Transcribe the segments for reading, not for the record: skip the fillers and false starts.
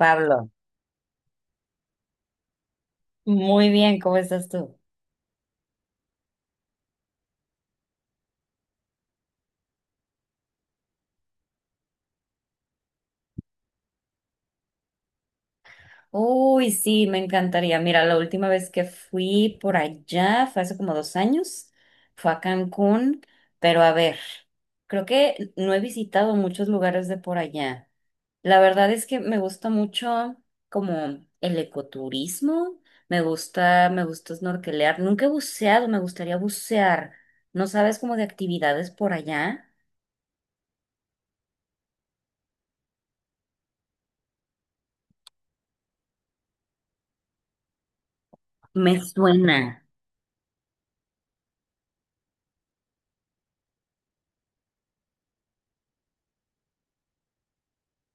Pablo. Muy bien, ¿cómo estás tú? Uy, sí, me encantaría. Mira, la última vez que fui por allá fue hace como 2 años, fue a Cancún, pero a ver, creo que no he visitado muchos lugares de por allá. La verdad es que me gusta mucho como el ecoturismo, me gusta snorkelear. Nunca he buceado, me gustaría bucear. ¿No sabes como de actividades por allá? Me suena.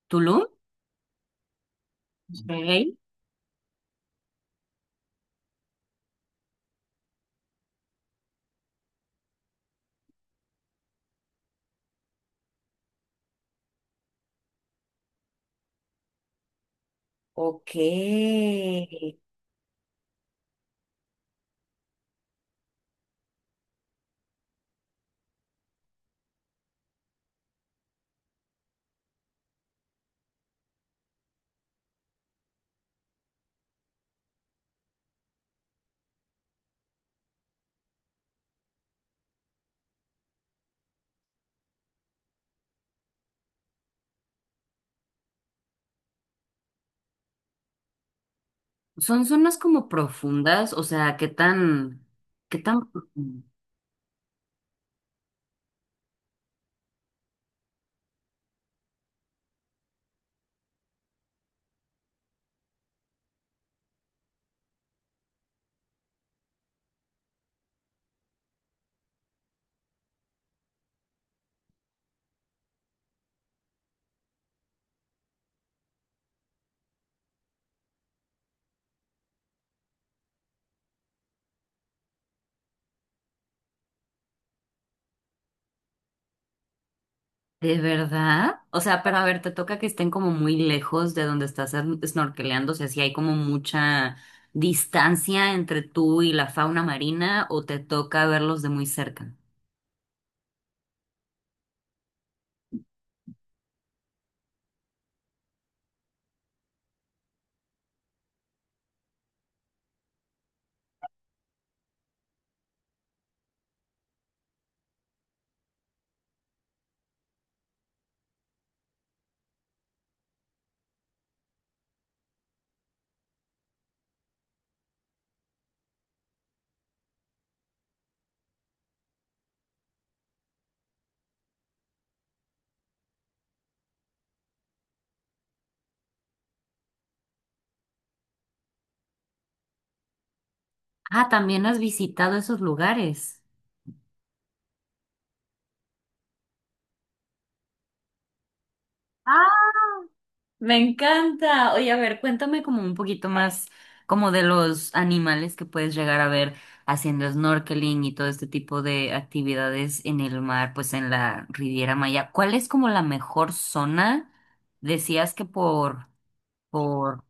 ¿Tulum? Ok. Ok. Son zonas como profundas, o sea, ¿qué tan, profundo? ¿De verdad? O sea, pero a ver, te toca que estén como muy lejos de donde estás snorkeleando, o sea, si hay como mucha distancia entre tú y la fauna marina, o te toca verlos de muy cerca. Ah, también has visitado esos lugares. Ah. Me encanta. Oye, a ver, cuéntame como un poquito más como de los animales que puedes llegar a ver haciendo snorkeling y todo este tipo de actividades en el mar, pues en la Riviera Maya. ¿Cuál es como la mejor zona? Decías que por, por,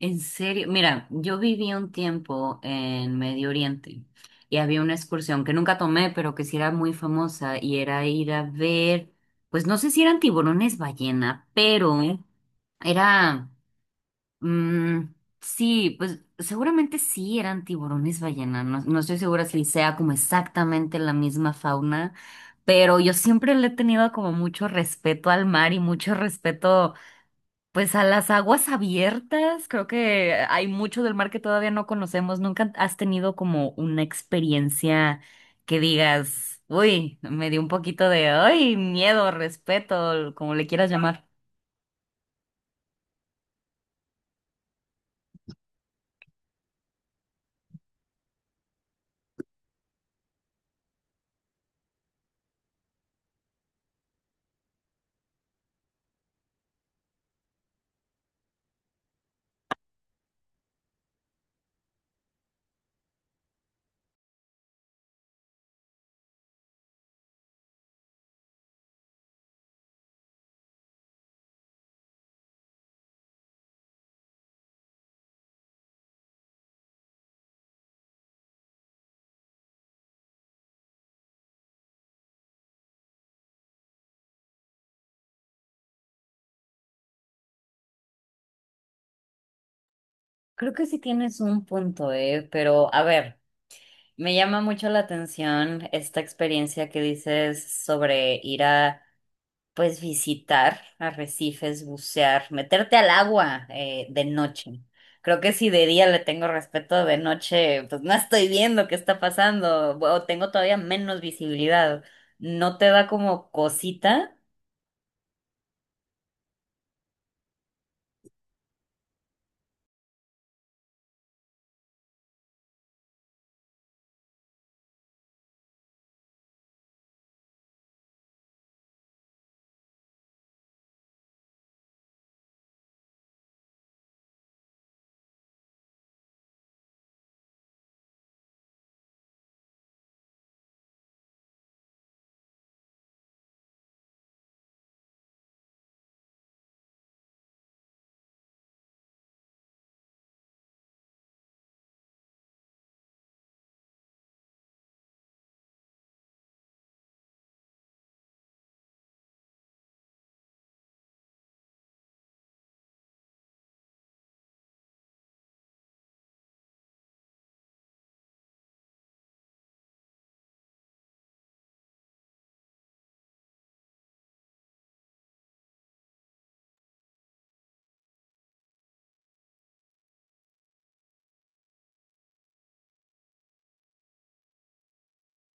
en serio, mira, yo viví un tiempo en Medio Oriente y había una excursión que nunca tomé, pero que sí era muy famosa y era ir a ver, pues no sé si eran tiburones ballena, pero Era, mm, sí, pues seguramente sí eran tiburones ballena, no, no estoy segura si sea como exactamente la misma fauna, pero yo siempre le he tenido como mucho respeto al mar y mucho respeto pues a las aguas abiertas, creo que hay mucho del mar que todavía no conocemos, ¿nunca has tenido como una experiencia que digas, uy, me dio un poquito de, ay, miedo, respeto, como le quieras llamar? Creo que sí tienes un punto, pero a ver, me llama mucho la atención esta experiencia que dices sobre ir a, pues, visitar arrecifes, bucear, meterte al agua, de noche. Creo que si de día le tengo respeto, de noche, pues no estoy viendo qué está pasando o tengo todavía menos visibilidad. ¿No te da como cosita?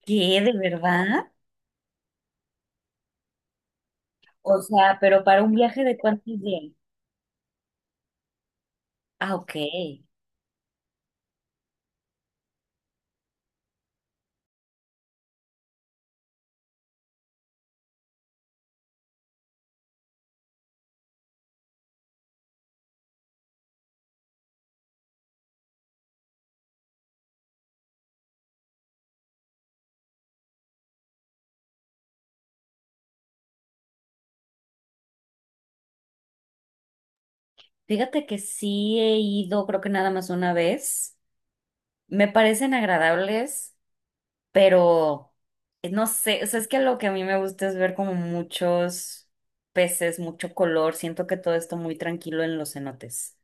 ¿Qué, de verdad? O sea, pero ¿para un viaje de cuántos días? Ah, ok. Fíjate que sí he ido, creo que nada más una vez. Me parecen agradables, pero no sé, o sea, es que lo que a mí me gusta es ver como muchos peces, mucho color. Siento que todo está muy tranquilo en los cenotes.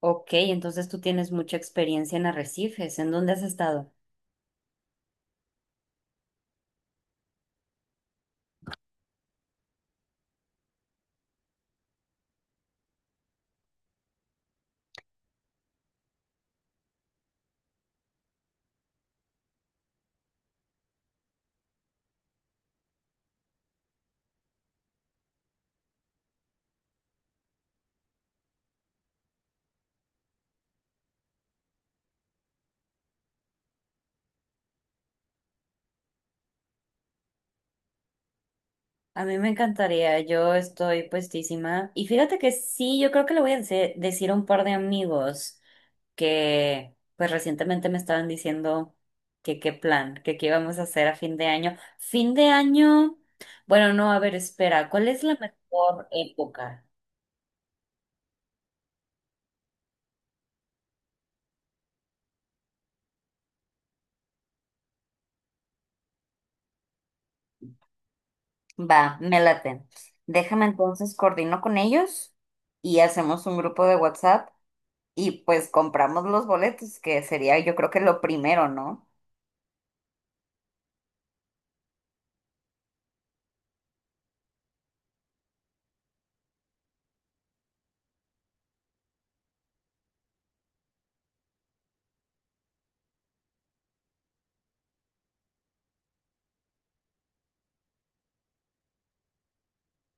Ok, entonces tú tienes mucha experiencia en arrecifes. ¿En dónde has estado? A mí me encantaría, yo estoy puestísima. Y fíjate que sí, yo creo que le voy a decir a un par de amigos que pues recientemente me estaban diciendo que qué plan, que qué íbamos a hacer a fin de año. Fin de año, bueno, no, a ver, espera, ¿cuál es la mejor época? Va, me late. Déjame entonces coordino con ellos y hacemos un grupo de WhatsApp y pues compramos los boletos, que sería yo creo que lo primero, ¿no?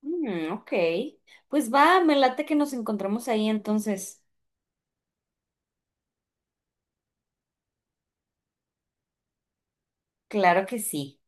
Mm, ok. Pues va, me late que nos encontramos ahí entonces. Claro que sí.